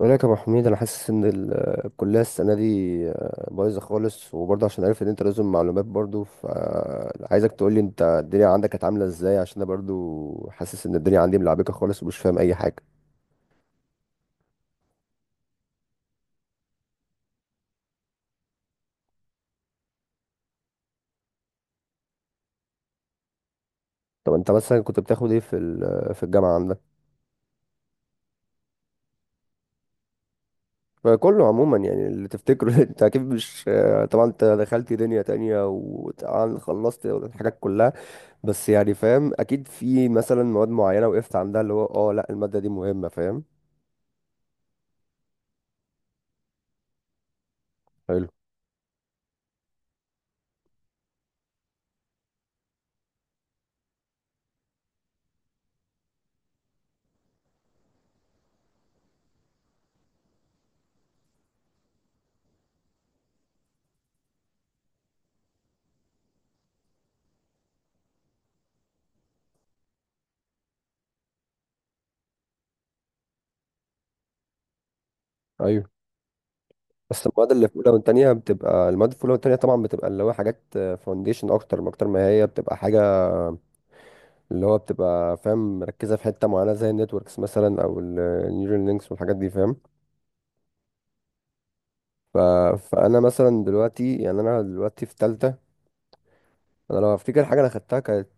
بقول لك يا ابو حميد، انا حاسس ان الكليه السنه دي بايظه خالص، وبرضه عشان عارف ان انت لازم معلومات برضه، فعايزك تقول لي انت الدنيا عندك كانت عامله ازاي، عشان انا برضه حاسس ان الدنيا عندي ملعبكه خالص ومش فاهم اي حاجه. طب انت مثلا كنت بتاخد ايه في الجامعه عندك؟ فكله عموما يعني اللي تفتكره. انت اكيد مش، طبعا انت دخلت دنيا تانية وطبعا خلصت الحاجات كلها. بس يعني فاهم، اكيد في مثلا مواد معينه وقفت عندها، اللي هو اه لا الماده دي مهمه، فاهم؟ حلو. بس المواد اللي في اولى وثانيه بتبقى، المواد في اولى وثانيه طبعا بتبقى اللي هو حاجات فاونديشن، اكتر ما هي بتبقى حاجه، اللي هو بتبقى فاهم مركزه في حته معينه زي النتوركس مثلا او النيورال لينكس والحاجات دي، فاهم؟ ف... فانا مثلا دلوقتي، يعني انا دلوقتي في ثالثه. انا لو افتكر حاجه انا خدتها كانت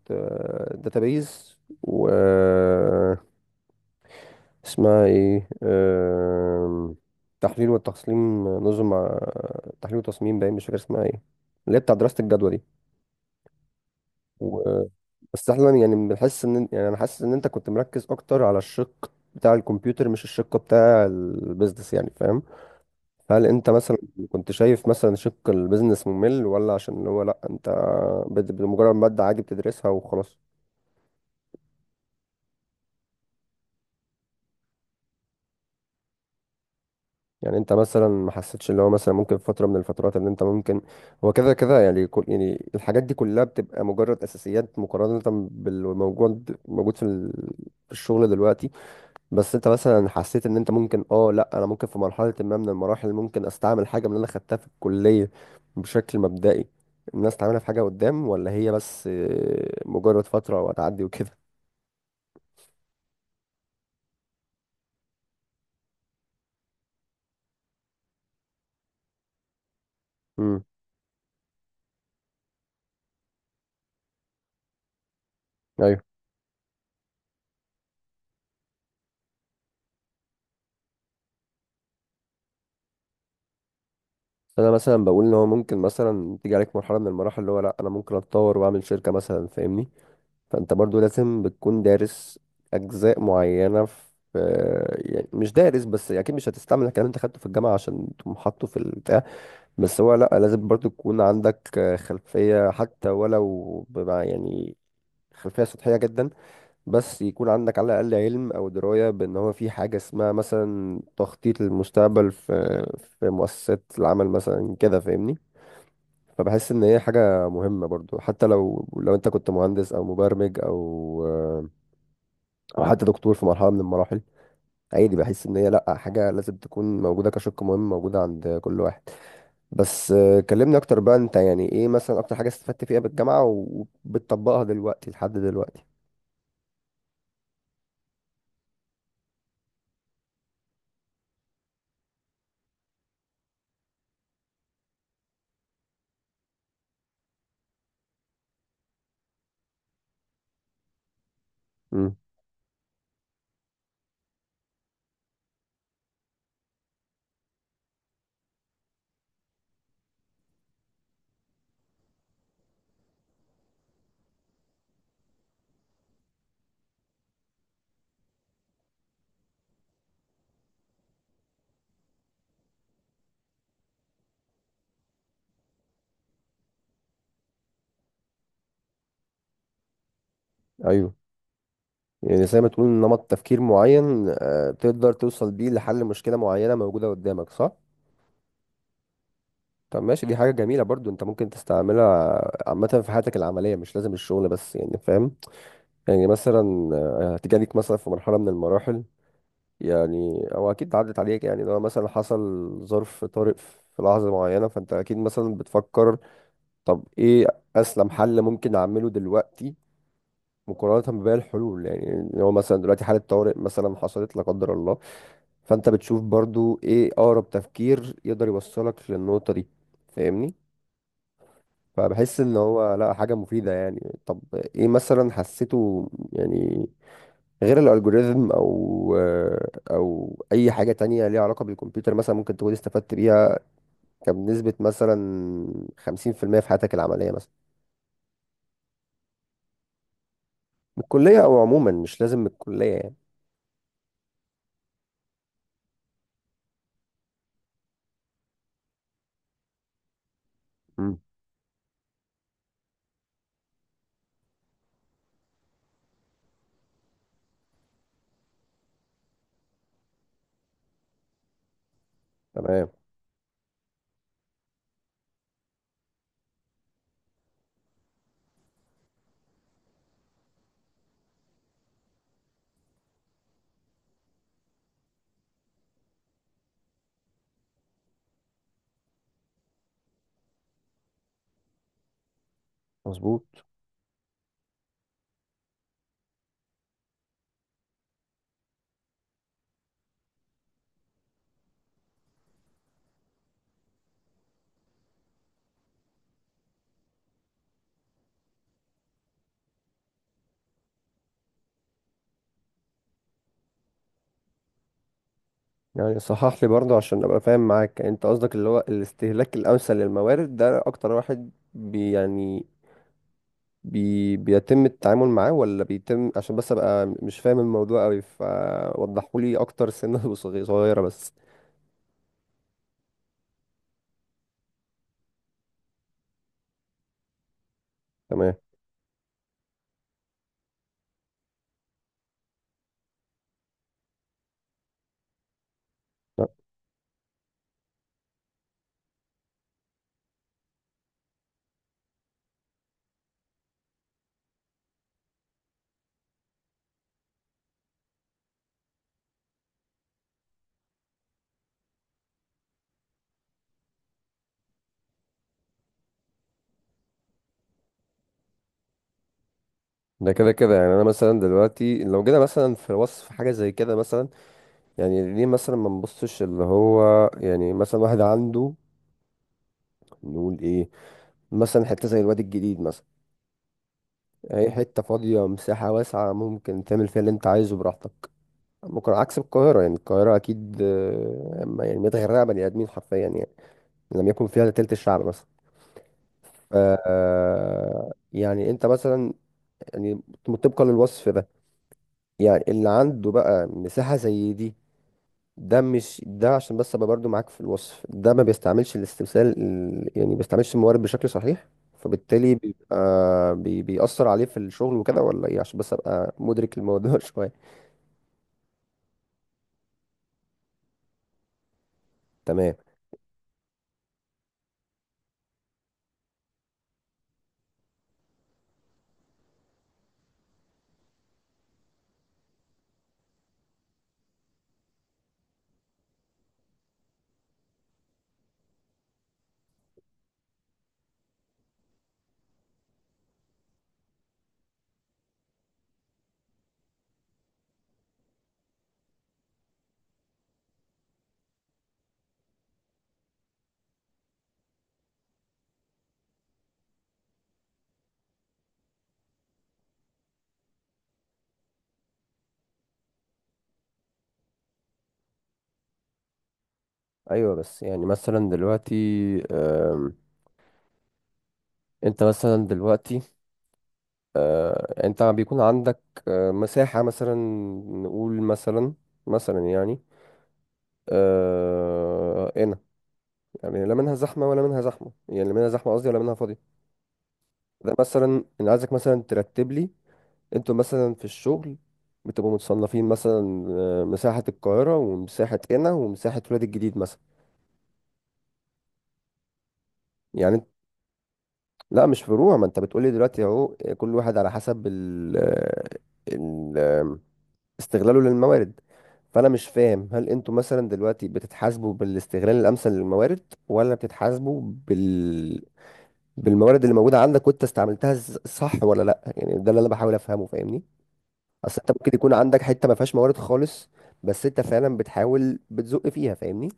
داتابيز، و اسمها ايه، تحليل وتصميم نظم، تحليل وتصميم، باين مش فاكر اسمها ايه، اللي هي بتاع دراسه الجدوى دي. بس احنا يعني بنحس ان، يعني انا حاسس ان انت كنت مركز اكتر على الشق بتاع الكمبيوتر مش الشق بتاع البيزنس، يعني فاهم؟ هل انت مثلا كنت شايف مثلا شق البيزنس ممل، ولا عشان هو لا انت بمجرد مادة عادي بتدرسها وخلاص؟ يعني انت مثلا ما حسيتش اللي هو، مثلا ممكن في فترة من الفترات اللي انت ممكن، هو كده كده يعني كل، يعني الحاجات دي كلها بتبقى مجرد اساسيات مقارنة بالموجود في الشغل دلوقتي. بس انت مثلا حسيت ان انت ممكن، اه لا انا ممكن في مرحلة ما من المراحل ممكن استعمل حاجة من اللي انا خدتها في الكلية بشكل مبدئي، الناس تعملها في حاجة قدام، ولا هي بس مجرد فترة وهتعدي وكده؟ امم، ايوه. انا مثلا بقول ان هو ممكن مثلا تيجي عليك مرحلة من المراحل اللي هو لا انا ممكن اتطور واعمل شركة مثلا، فاهمني؟ فانت برضو لازم بتكون دارس اجزاء معينة في، يعني مش دارس بس، اكيد مش هتستعمل الكلام اللي انت خدته في الجامعة عشان تقوم حاطه في البتاع، بس هو لأ، لازم برضو تكون عندك خلفية، حتى ولو بمع يعني، خلفية سطحية جدا، بس يكون عندك على الأقل علم أو دراية بأن هو في حاجة اسمها مثلا تخطيط للمستقبل في مؤسسات العمل مثلا كده، فاهمني؟ فبحس إن هي حاجة مهمة برضو، حتى لو أنت كنت مهندس أو مبرمج أو آه، أو حتى دكتور في مرحلة من المراحل، عادي. بحس إن هي لأ، حاجة لازم تكون موجودة كشق مهم، موجودة عند كل واحد. بس كلمني اكتر بقى، انت يعني ايه مثلا اكتر حاجة استفدت فيها بالجامعة وبتطبقها دلوقتي لحد دلوقتي؟ امم، ايوه. يعني زي ما تقول نمط تفكير معين، تقدر توصل بيه لحل مشكلة معينة موجودة قدامك، صح؟ طب ماشي، دي حاجة جميلة برضو انت ممكن تستعملها عامة في حياتك العملية، مش لازم الشغل بس، يعني فاهم. يعني مثلا هتيجي ليك مثلا في مرحلة من المراحل، يعني او اكيد عدت عليك، يعني لو مثلا حصل ظرف طارئ في لحظة معينة، فانت اكيد مثلا بتفكر طب ايه اسلم حل ممكن اعمله دلوقتي مقارنة بباقي الحلول، يعني اللي هو مثلا دلوقتي حالة طوارئ مثلا حصلت لا قدر الله، فانت بتشوف برضو ايه اقرب تفكير يقدر يوصلك للنقطة دي، فاهمني؟ فبحس ان هو لا، حاجة مفيدة يعني. طب ايه مثلا حسيته يعني، غير الالجوريزم او اي حاجة تانية ليها علاقة بالكمبيوتر مثلا ممكن تكون استفدت بيها، كان بنسبة مثلا 50% في المية في حياتك العملية مثلا؟ من الكلية او عموما، مش لازم من الكلية يعني. مم. تمام. مظبوط. يعني صحح لي برضه عشان ابقى فاهم معاك، يعني انت قصدك اللي هو الاستهلاك الامثل للموارد ده اكتر واحد بي يعني بي بيتم التعامل معاه، ولا بيتم، عشان بس ابقى مش فاهم الموضوع قوي، فوضحوا لي اكتر سنة وصغي- صغيرة بس. تمام. لا، ده كده كده يعني انا مثلا دلوقتي لو جينا مثلا في وصف حاجة زي كده مثلا، يعني ليه مثلا ما نبصش اللي هو، يعني مثلا واحد عنده، نقول ايه، مثلا حتة زي الواد الجديد، اي حتة فاضية مساحة واسعة ممكن تعمل فيها اللي انت عايزه براحتك، ممكن عكس القاهرة، يعني القاهرة اكيد أما يعني متغرقة بني ادمين حرفيا يعني، لم يكن فيها إلا تلت الشعب مثلا. ف يعني انت مثلا، يعني طبقا للوصف ده، يعني اللي عنده بقى مساحة زي دي، ده مش ده عشان بس ابقى برضو معاك في الوصف ده، ما بيستعملش يعني ما بيستعملش الموارد بشكل صحيح، فبالتالي بيبقى بيأثر عليه في الشغل وكده، ولا ايه؟ عشان بس ابقى مدرك الموضوع شوية. تمام. ايوه. بس يعني مثلا دلوقتي آم، انت مثلا دلوقتي، انت بيكون عندك مساحة مثلا، نقول مثلا يعني هنا، يعني لا منها زحمة ولا منها زحمة، يعني لا منها زحمة قصدي ولا منها فاضية. ده مثلا انا عايزك مثلا ترتب لي، انتوا مثلا في الشغل بتبقوا متصنفين مثلا مساحة القاهرة ومساحة هنا ومساحة ولاد الجديد مثلا. يعني لا مش فروع، ما انت بتقولي دلوقتي اهو كل واحد على حسب ال آه، ال آه، استغلاله للموارد. فانا مش فاهم، هل انتوا مثلا دلوقتي بتتحاسبوا بالاستغلال الامثل للموارد، ولا بتتحاسبوا بال بالموارد اللي موجوده عندك وانت استعملتها، صح ولا لا؟ يعني ده اللي انا بحاول افهمه، فاهمني؟ اصل انت ممكن يكون عندك حته ما فيهاش موارد خالص، بس انت فعلا بتحاول بتزق فيها، فاهمني؟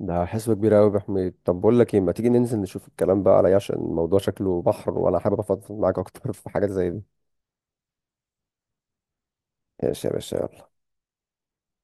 ده حسبة كبيرة أوي يا أبو حميد، طب بقول لك إيه، ما تيجي ننزل نشوف الكلام بقى عليا، عشان الموضوع شكله بحر وأنا حابب أفضفض معاك أكتر في حاجات زي دي. ماشي يا باشا، يلا.